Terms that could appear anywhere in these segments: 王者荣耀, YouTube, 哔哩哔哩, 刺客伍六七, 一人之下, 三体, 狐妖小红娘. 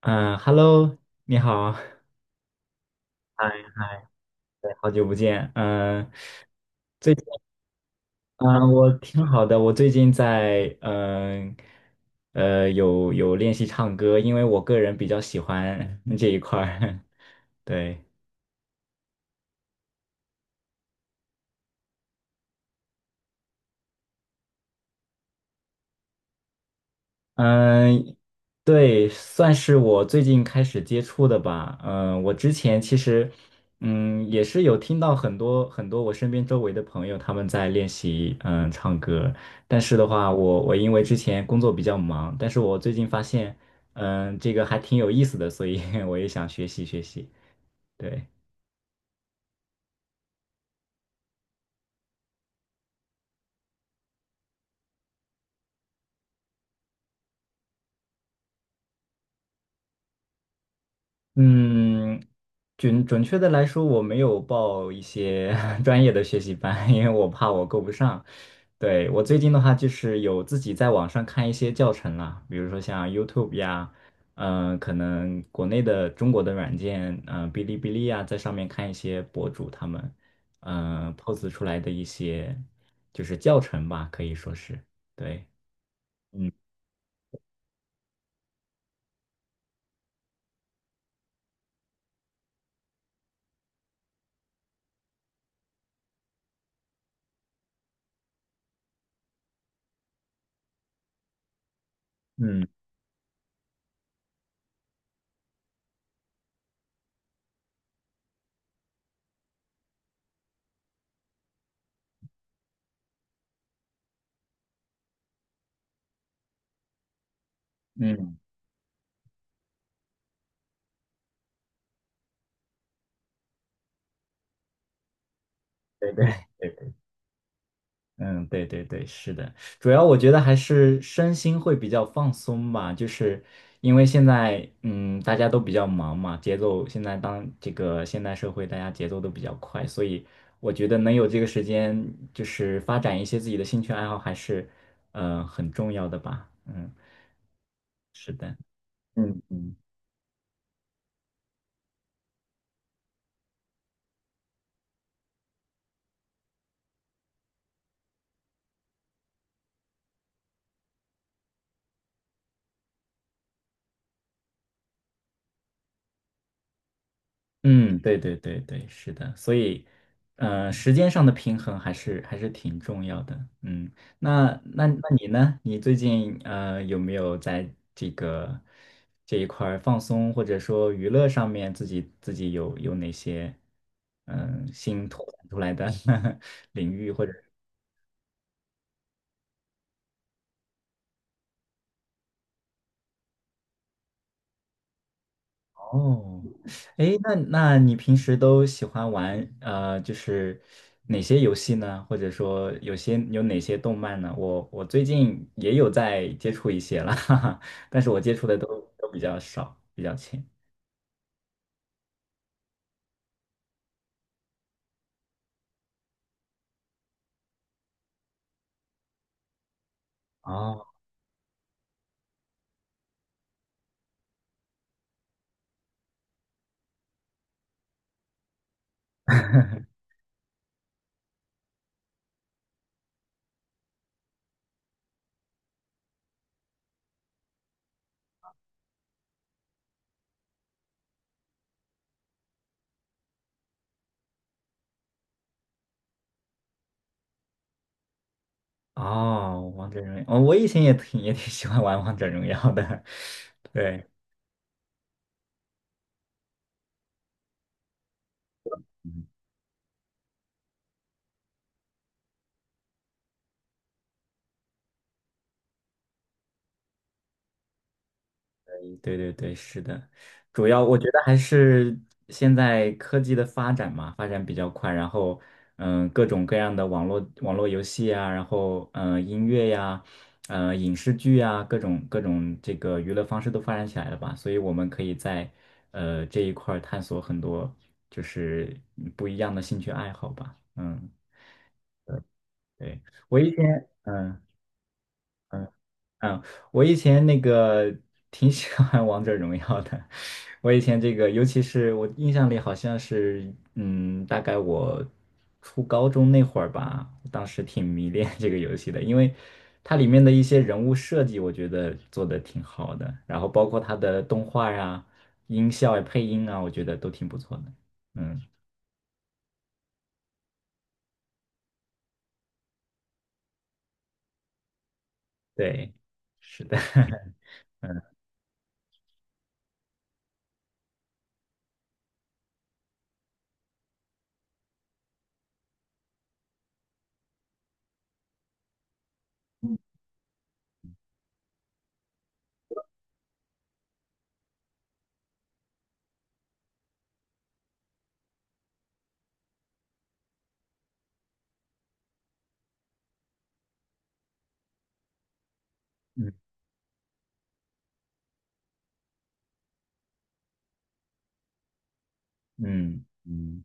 嗯，Hello，你好，嗨，对，好久不见。嗯，最近，嗯，我挺好的。我最近在有练习唱歌，因为我个人比较喜欢这一块儿。对，嗯，对，算是我最近开始接触的吧。嗯，我之前其实，也是有听到很多很多我身边周围的朋友他们在练习，唱歌。但是的话，我因为之前工作比较忙，但是我最近发现，这个还挺有意思的，所以 我也想学习学习。对。嗯，准确的来说，我没有报一些 专业的学习班，因为我怕我够不上。对，我最近的话，就是有自己在网上看一些教程啦，比如说像 YouTube 呀，可能国内的中国的软件，哔哩哔哩呀，在上面看一些博主他们，pose 出来的一些就是教程吧，可以说是，对，嗯嗯嗯，对对。嗯，对对对，是的，主要我觉得还是身心会比较放松吧，就是因为现在大家都比较忙嘛，节奏现在当这个现代社会大家节奏都比较快，所以我觉得能有这个时间，就是发展一些自己的兴趣爱好还是很重要的吧。嗯，是的。嗯嗯。嗯，对对对对，是的，所以，时间上的平衡还是挺重要的。嗯，那你呢？你最近有没有在这个这一块儿放松或者说娱乐上面自己有哪些新拓展出来的 领域或者哦，哎，那你平时都喜欢玩就是哪些游戏呢？或者说有些有哪些动漫呢？我最近也有在接触一些了，哈哈，但是我接触的都比较少，比较浅。哦，哦，王者荣耀，哦，我以前也挺喜欢玩王者荣耀的，对，对对对，是的，主要我觉得还是现在科技的发展嘛，发展比较快，然后各种各样的网络游戏啊，然后音乐呀，影视剧啊，各种这个娱乐方式都发展起来了吧，所以我们可以在这一块儿探索很多就是不一样的兴趣爱好吧，嗯，对，我一天。嗯，我以前那个挺喜欢 王者荣耀的。我以前这个，尤其是我印象里好像是，大概我初高中那会儿吧，当时挺迷恋 这个游戏的，因为它里面的一些人物设计，我觉得做的挺好的，然后包括它的动画呀、音效呀、配音啊，我觉得都挺不错的。嗯，对，是的，嗯嗯嗯。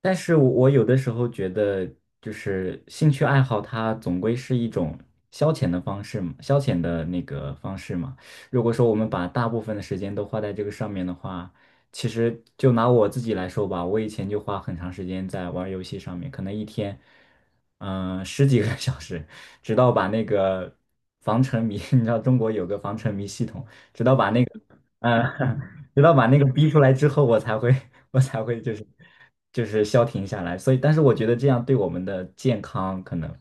但是我有的时候觉得，就是兴趣爱好，它总归是一种消遣的方式嘛，消遣的那个方式嘛。如果说我们把大部分的时间都花在这个上面的话，其实就拿我自己来说吧，我以前就花很长时间在玩儿游戏上面，可能一天，十几个 小时，直到把那个防沉迷，你知道中国有个防沉迷系统，直到把那个。嗯，直到把那个逼出来之后，我才会，我才会就是消停下来。所以，但是我觉得这样对我们的健康可能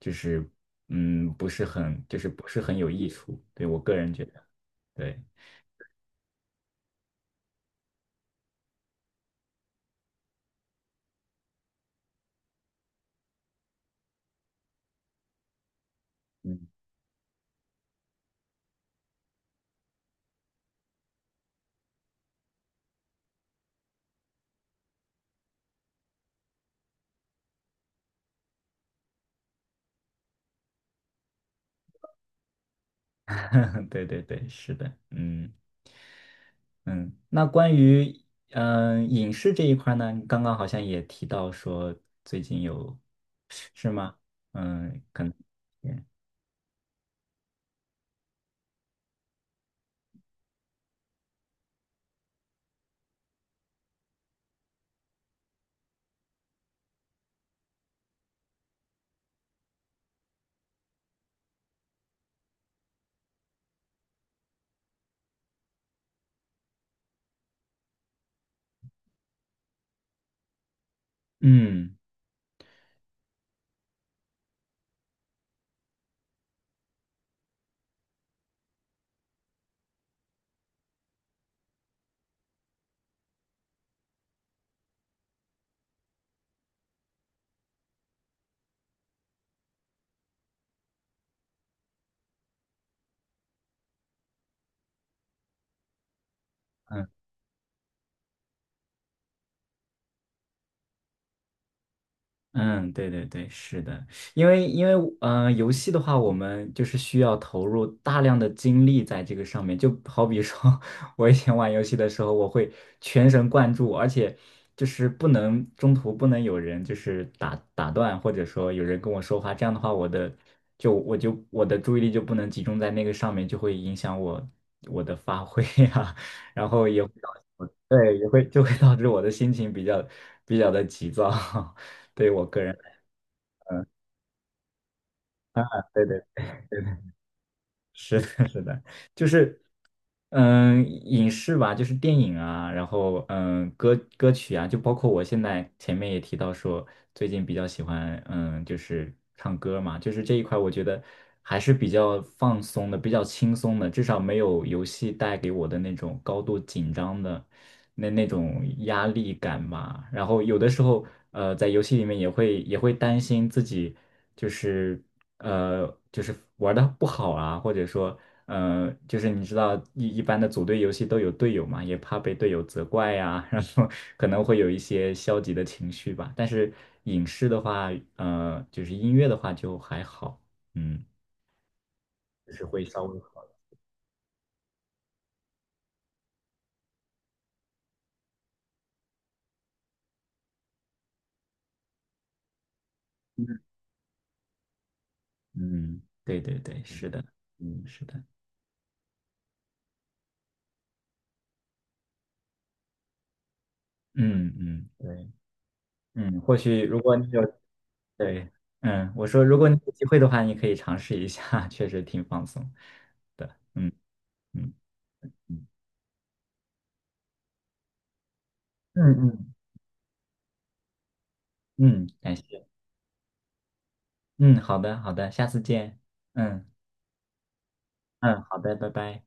就是不是很就是不是很有益处。对我个人觉得，对，嗯，对对对，是的，嗯嗯。那关于影视这一块呢，你刚刚好像也提到说最近有是吗？可能嗯嗯。嗯，对对对，是的，因为游戏的话，我们就是需要投入大量的精力在这个上面。就好比说，我以前玩游戏的时候，我会全神贯注，而且就是不能中途不能有人就是打断，或者说有人跟我说话，这样的话，我的注意力就不能集中在那个上面，就会影响我的发挥啊，然后也会也会就会导致我的心情比较的急躁。对于我个人来讲，对对对对，是的，是的，就是，影视吧，就是电影啊，然后歌曲啊，就包括我现在前面也提到说，最近比较喜欢，就是唱歌嘛，就是这一块，我觉得还是比较放松的，比较轻松的，至少没有游戏带给我的那种高度紧张的。那种压力感嘛。然后有的时候，在游戏里面也会担心自己就是呃就是玩的不好啊，或者说就是你知道一般的组队游戏都有队友嘛，也怕被队友责怪呀、然后可能会有一些消极的情绪吧。但是影视的话，就是音乐的话就还好，嗯，就是会稍微好。嗯，对对对，是的，嗯，是的，嗯嗯。对。或许如果你有，对，我说如果你有机会的话，你可以尝试一下，确实挺放松的。嗯嗯嗯嗯嗯，嗯感谢。嗯，好的好的，下次见。嗯嗯，好的，拜拜。